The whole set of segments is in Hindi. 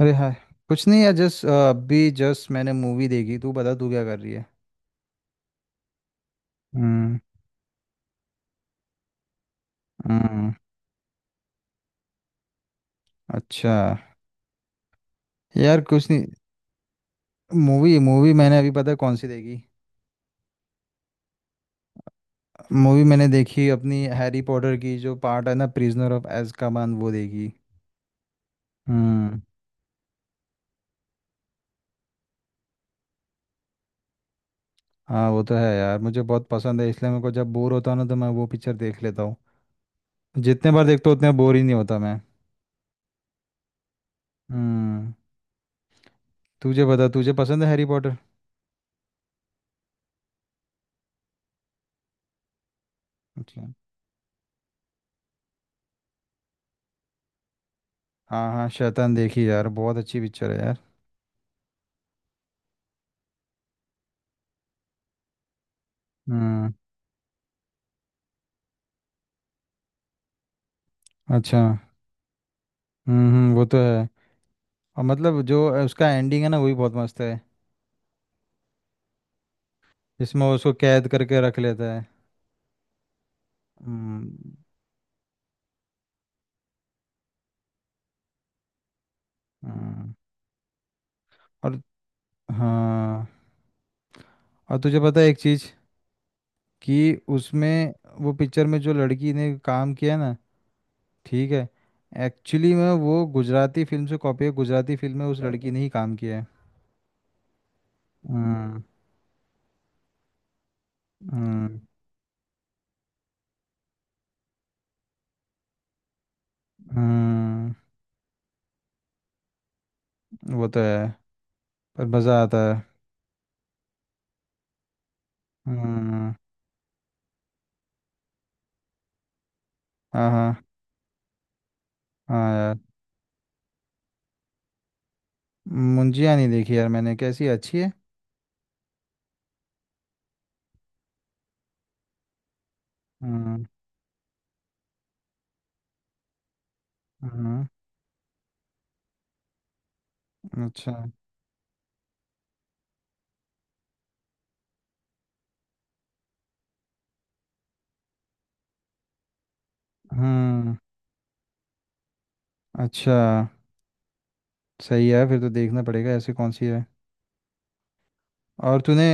अरे हाय। कुछ नहीं यार, जस्ट अभी जस्ट मैंने मूवी देखी। तू बता, तू क्या कर रही है। हम्म। हम्म, अच्छा। यार कुछ नहीं। मूवी मूवी मैंने अभी, पता है कौन सी देखी। मूवी मैंने देखी अपनी हैरी पॉटर की जो पार्ट है ना, प्रिजनर ऑफ अज़्काबान, वो देखी। हम्म। हाँ वो तो है यार, मुझे बहुत पसंद है, इसलिए मेरे को जब बोर होता हूँ ना तो मैं वो पिक्चर देख लेता हूँ। जितने बार देखता हूँ उतने बोर ही नहीं होता मैं। हम्म। तुझे बता, तुझे पसंद है हैरी पॉटर। अच्छा। हाँ हाँ, शैतान देखी यार, बहुत अच्छी पिक्चर है यार। हम्म। अच्छा। वो तो है। और मतलब जो उसका एंडिंग है ना, वही बहुत मस्त है। जिसमें वो उसको कैद करके रख लेता है। हम्म। हम्म, और। हाँ, और तुझे पता है एक चीज़ कि उसमें, वो पिक्चर में जो लड़की ने काम किया ना, ठीक है, एक्चुअली में वो गुजराती फिल्म से कॉपी है। गुजराती फिल्म में उस लड़की ने ही काम किया है। हम्म। हम्म। हम्म, वो तो है, पर मज़ा आता है। हम्म। हाँ। हाँ हाँ यार, मुंजिया नहीं देखी यार मैंने। कैसी है? अच्छी है? हम्म। हम्म। अच्छा। हम्म। अच्छा, सही है, फिर तो देखना पड़ेगा। ऐसी कौन सी है। और तूने,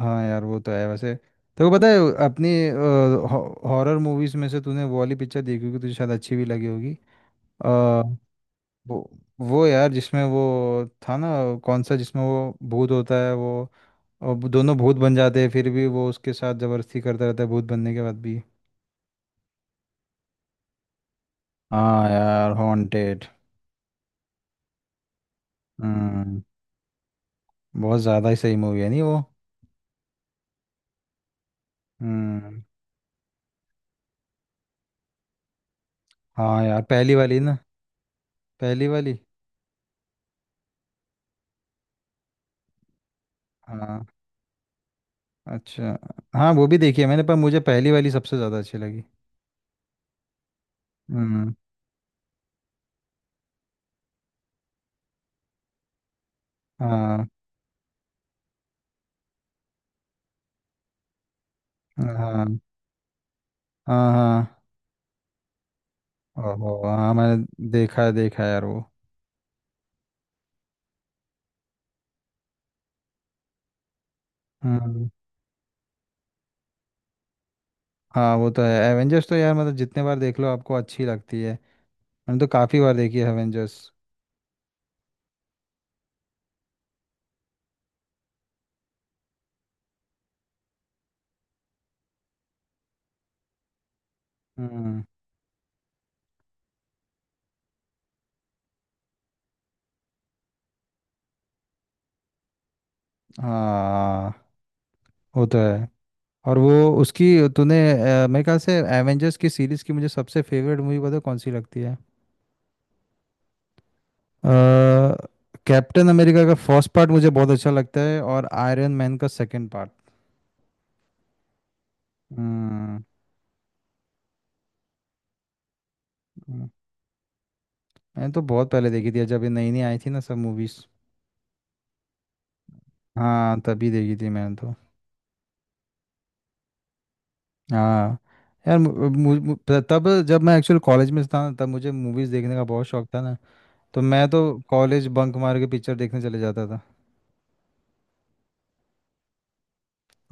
हाँ यार वो तो है। वैसे तेरे को पता है अपनी हॉरर मूवीज में से तूने वो वाली पिक्चर देखी होगी, तुझे शायद अच्छी भी लगी होगी। अ, वो वो यार जिसमें वो था ना, कौन सा, जिसमें वो भूत होता है वो। और वो दोनों भूत बन जाते हैं फिर भी वो उसके साथ जबरदस्ती करता रहता है, भूत बनने के बाद भी। हाँ यार, हॉन्टेड। हम्म। बहुत ज्यादा ही सही मूवी है, नहीं वो। हम्म। हाँ यार, पहली वाली ना। पहली वाली। हाँ। अच्छा। हाँ वो भी देखी है मैंने, पर मुझे पहली वाली सबसे ज्यादा अच्छी लगी। हम्म। हाँ हाँ। हाँ। हाँ, ओहो हाँ, मैंने देखा है, देखा है यार वो। हम्म। हाँ वो तो है एवेंजर्स तो। यार मतलब जितने बार देख लो आपको अच्छी लगती है। मैंने तो काफी बार देखी है एवेंजर्स। हम्म। हाँ वो तो है। और वो उसकी, तूने, मेरे ख्याल से एवेंजर्स की सीरीज की मुझे सबसे फेवरेट मूवी, पता है कौन सी लगती है। कैप्टन अमेरिका का फर्स्ट पार्ट मुझे बहुत अच्छा लगता है, और आयरन मैन का सेकंड पार्ट। हम्म। हम्म। मैंने तो बहुत पहले देखी थी जब ये नई नई आई थी ना सब मूवीज। हाँ तभी देखी थी मैंने तो। हाँ यार, मु- मु- मु- त- तब जब मैं एक्चुअल कॉलेज में था ना, तब मुझे मूवीज देखने का बहुत शौक था ना। तो मैं तो कॉलेज बंक मार के पिक्चर देखने चले जाता था।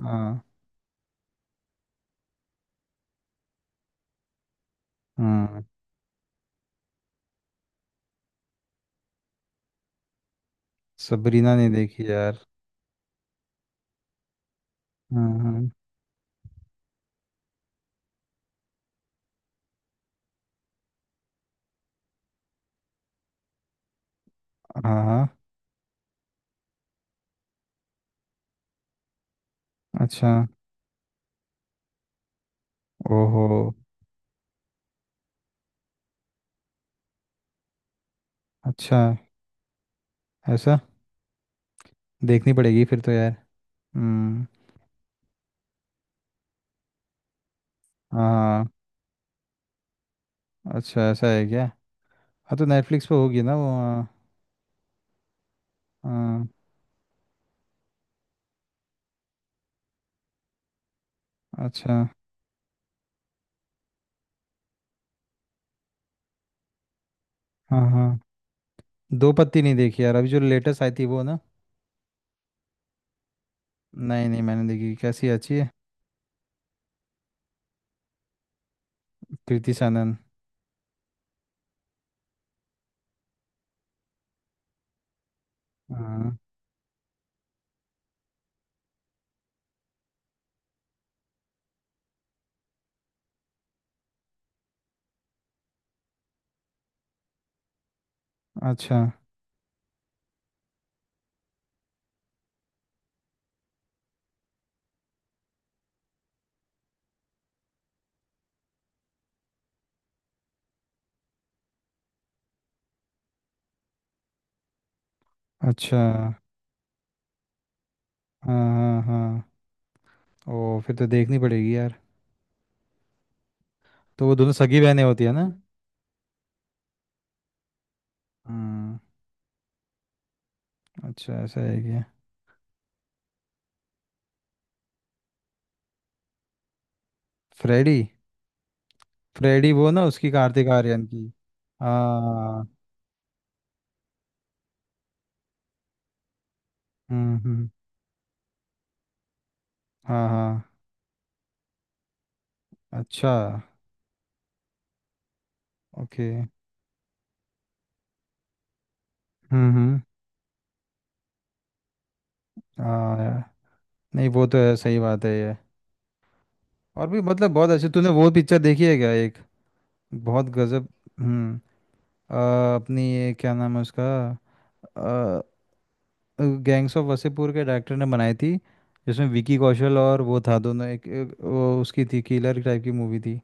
हाँ। हम्म। सबरीना नहीं देखी यार। हाँ हाँ। हाँ हाँ, अच्छा। ओहो। अच्छा ऐसा। देखनी पड़ेगी फिर तो यार। हम्म। हाँ। हाँ, अच्छा ऐसा है क्या। हाँ तो नेटफ्लिक्स पे होगी ना वो, हाँ। हाँ, अच्छा। हाँ हाँ, दो पत्ती नहीं देखी यार, अभी जो लेटेस्ट आई थी वो ना। नहीं नहीं मैंने देखी। कैसी है? अच्छी है? कृति सानन। हाँ। अच्छा अच्छा। हाँ हाँ हाँ, ओ फिर तो देखनी पड़ेगी यार। तो वो दोनों सगी बहनें होती है ना। हम्म। अच्छा ऐसा है क्या। फ्रेडी। फ्रेडी, वो ना, उसकी, कार्तिक आर्यन की। हाँ। हम्म। हाँ हाँ। अच्छा। ओके। हम्म। हाँ यार। नहीं वो तो है, सही बात है ये। और भी मतलब बहुत अच्छी, तूने वो पिक्चर देखी है क्या एक, बहुत गजब। हम्म। आ, अपनी ये क्या नाम है उसका, गैंग्स ऑफ वसेपुर के डायरेक्टर ने बनाई थी, जिसमें विकी कौशल, और वो था दोनों, एक वो उसकी थी, किलर टाइप की मूवी थी।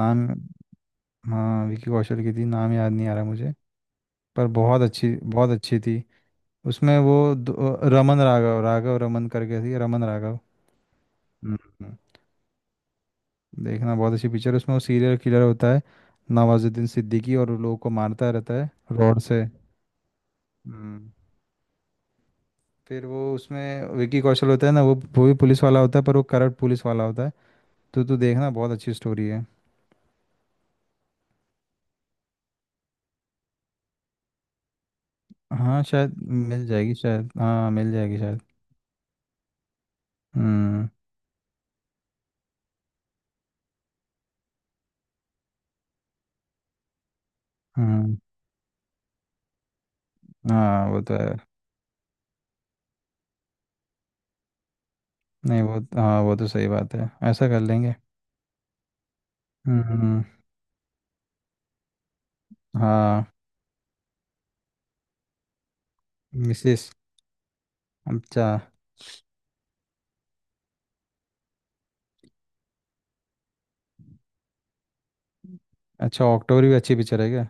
नाम, हाँ विकी कौशल की थी, नाम याद नहीं आ रहा मुझे। पर बहुत अच्छी, बहुत अच्छी थी। उसमें वो रमन राघव, राघव रमन करके थी, रमन राघव। हम्म। देखना, बहुत अच्छी पिक्चर है। उसमें वो सीरियल किलर होता है, नवाजुद्दीन सिद्दीकी, और लोगों को मारता रहता है रॉड से। हम्म, फिर वो, उसमें विकी कौशल होता है ना वो भी पुलिस वाला होता है पर वो करप्ट पुलिस वाला होता है। तो तू देखना, बहुत अच्छी स्टोरी है। हाँ शायद मिल जाएगी शायद। हाँ मिल जाएगी शायद। हम्म। हम्म। हाँ वो तो है। नहीं वो, हाँ वो तो सही बात है, ऐसा कर लेंगे। हम्म। हम्म। हाँ। मिसेस। अच्छा, अच्छा ऑक्टोबरी भी अच्छी पिक्चर है क्या।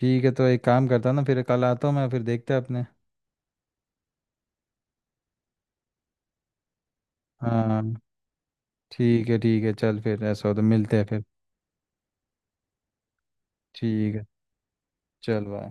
ठीक है, तो एक काम करता ना, फिर कल आता हूँ मैं, फिर देखते हैं अपने। हाँ। ठीक है ठीक है, चल फिर ऐसा हो तो मिलते हैं फिर। ठीक है। चल बाय।